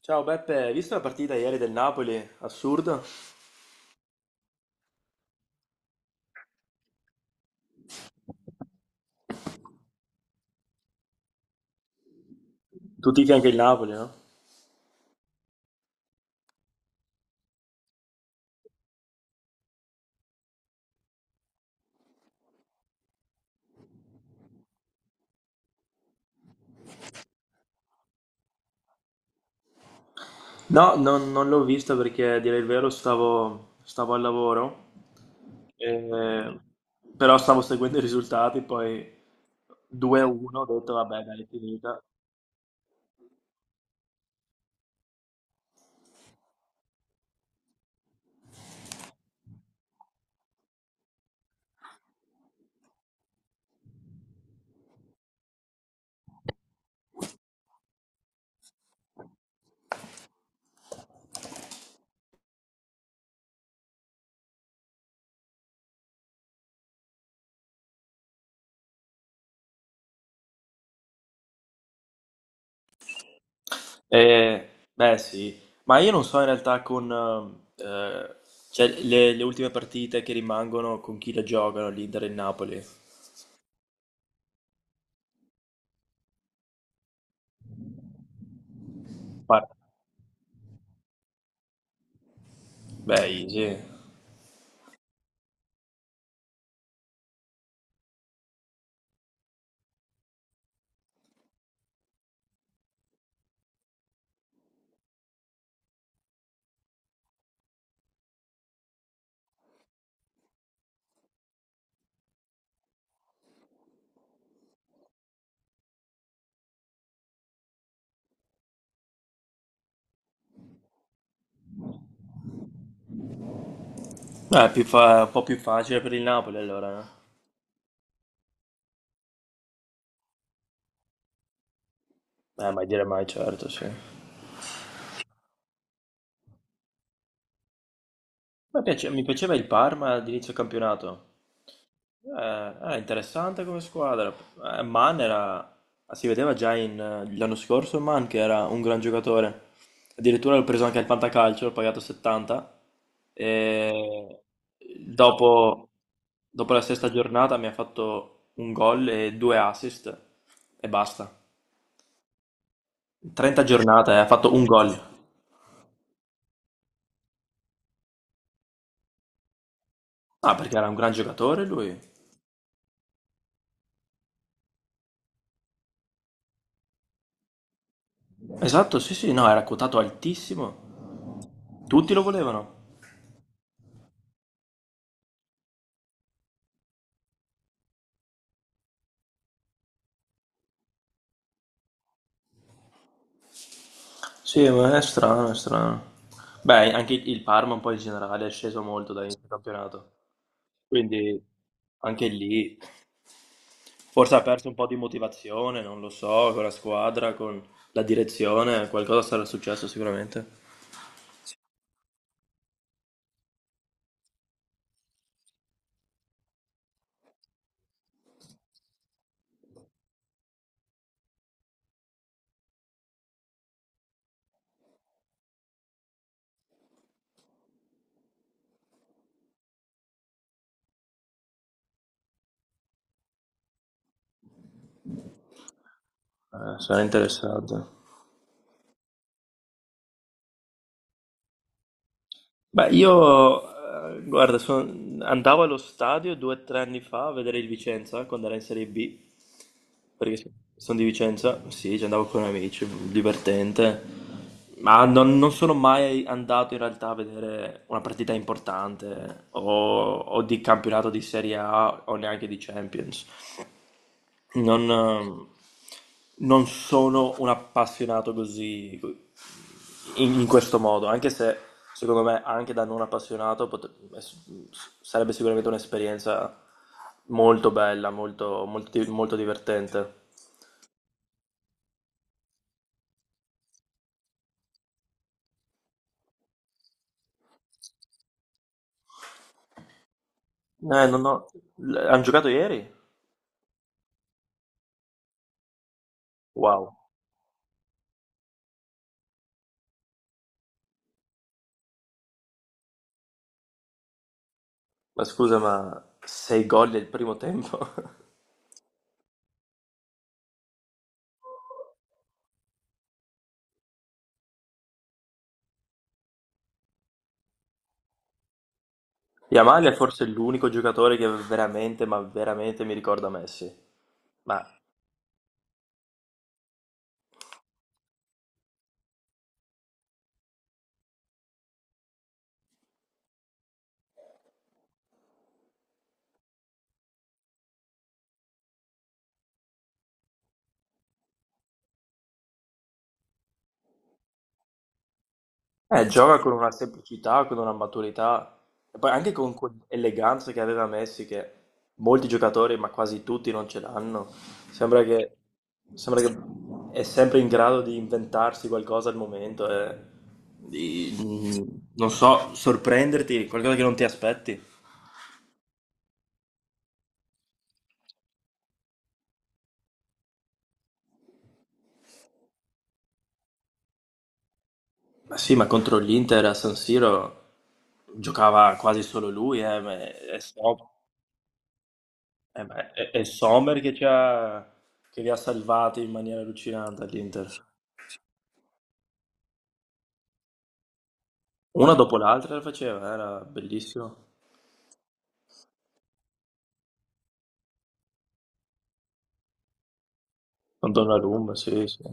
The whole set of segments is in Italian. Ciao Beppe, hai visto la partita ieri del Napoli? Assurdo. Tu tifi anche il Napoli, no? No, non l'ho vista perché a dire il vero stavo al lavoro, eh, però stavo seguendo i risultati, poi 2-1, ho detto vabbè, dai, è finita. Beh sì, ma io non so in realtà con eh, cioè, le ultime partite che rimangono con chi le giocano, l'Inter e il Napoli. Par- Beh, easy. È più un po' più facile per il Napoli allora, mai dire mai, certo, sì. Mi piaceva il Parma all'inizio campionato. Era interessante come squadra. Man era... Si vedeva già l'anno scorso Man che era un gran giocatore. Addirittura l'ho preso anche al Fantacalcio, l'ho pagato 70. E dopo, dopo la sesta giornata mi ha fatto un gol e due assist e basta. 30 giornate, ha fatto un gol. Ah, perché era un gran giocatore lui. Esatto, sì, sì, no, era quotato altissimo. Tutti lo volevano. Sì, ma è strano, è strano. Beh, anche il Parma un po' in generale è sceso molto da inizio campionato. Quindi anche lì forse ha perso un po' di motivazione, non lo so, con la squadra, con la direzione, qualcosa sarà successo sicuramente. Sarà interessante. Beh, guarda, andavo allo stadio due o tre anni fa a vedere il Vicenza quando era in Serie B, perché sono di Vicenza, sì, ci andavo con amici, divertente, ma non sono mai andato in realtà a vedere una partita importante o di campionato di Serie A o neanche di Champions. Non, ehm, non sono un appassionato così in questo modo, anche se secondo me anche da non appassionato sarebbe sicuramente un'esperienza molto bella, molto divertente. Non ho- l- Hanno giocato ieri? Wow, ma scusa, ma sei gol del primo tempo? Yamal è forse l'unico giocatore che veramente, ma veramente mi ricorda Messi. Ma Gioca con una semplicità, con una maturità, e poi anche con quell'eleganza che aveva Messi, che molti giocatori, ma quasi tutti, non ce l'hanno. Sembra che, sembra che è sempre in grado di inventarsi qualcosa al momento, e non so, sorprenderti, qualcosa che non ti aspetti. Ma sì, ma contro l'Inter a San Siro giocava quasi solo lui, eh, beh, è Sommer che li ha salvati in maniera allucinante all'Inter. Una dopo l'altra la faceva, era bellissimo. Con Donnarumma, sì, sì.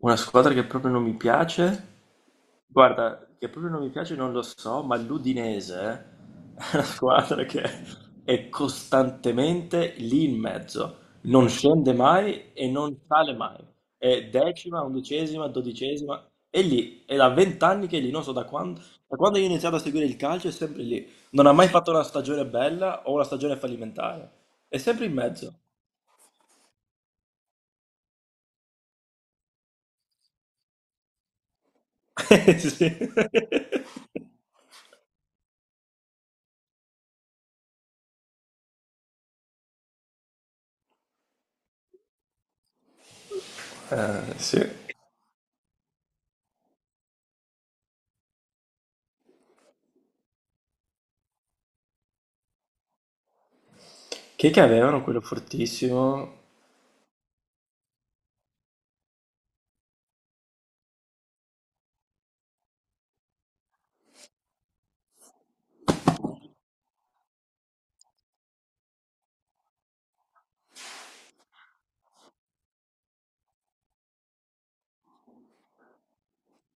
Una squadra che proprio non mi piace. Guarda, che proprio non mi piace non lo so, ma l'Udinese è una squadra che è costantemente lì in mezzo, non scende mai e non sale mai. È decima, undicesima, dodicesima, è lì, è da vent'anni che è lì, non so da quando io ho iniziato a seguire il calcio è sempre lì. Non ha mai fatto una stagione bella o una stagione fallimentare, è sempre in mezzo. Sì. Sì. Chi è che avevano quello fortissimo?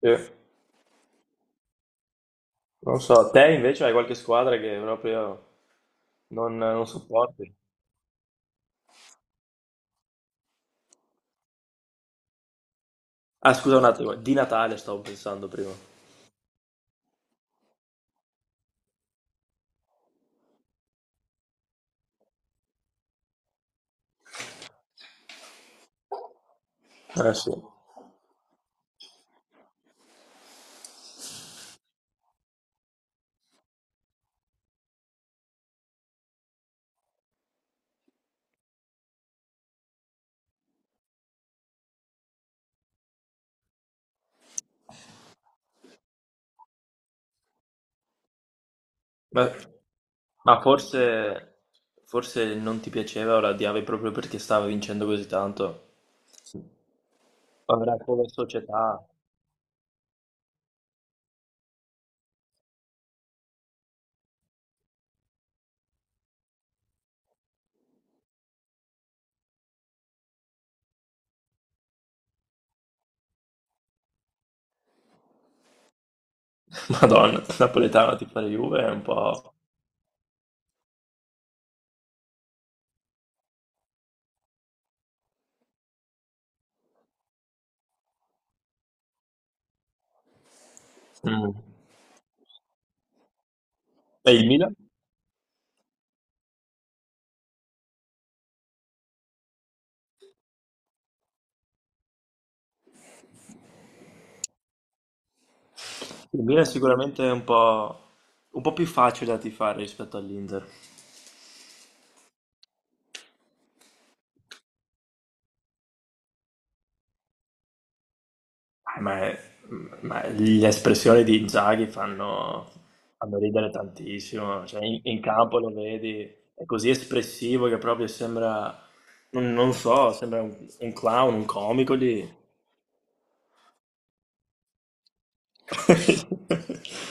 Sì. Non so, te invece hai qualche squadra che proprio non supporti? Ah, scusa un attimo, di Natale stavo pensando prima. Eh sì. Ma, ma forse, forse non ti piaceva o la odiavi proprio perché stava vincendo così tanto? Avrà come società. Madonna, napoletano ti fare Juve è un po'... Mm. E il Milan? Il Milan è sicuramente un po' più facile da tifare rispetto all'Inter. Eh, Ma, è- ma le espressioni di Inzaghi fanno, fanno ridere tantissimo, cioè in campo lo vedi, è così espressivo che proprio sembra, non, non so, sembra un clown, un comico lì.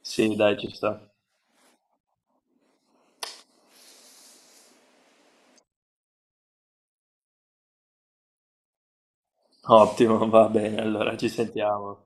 Sì, dai, ci sta. Ottimo, va bene, allora ci sentiamo.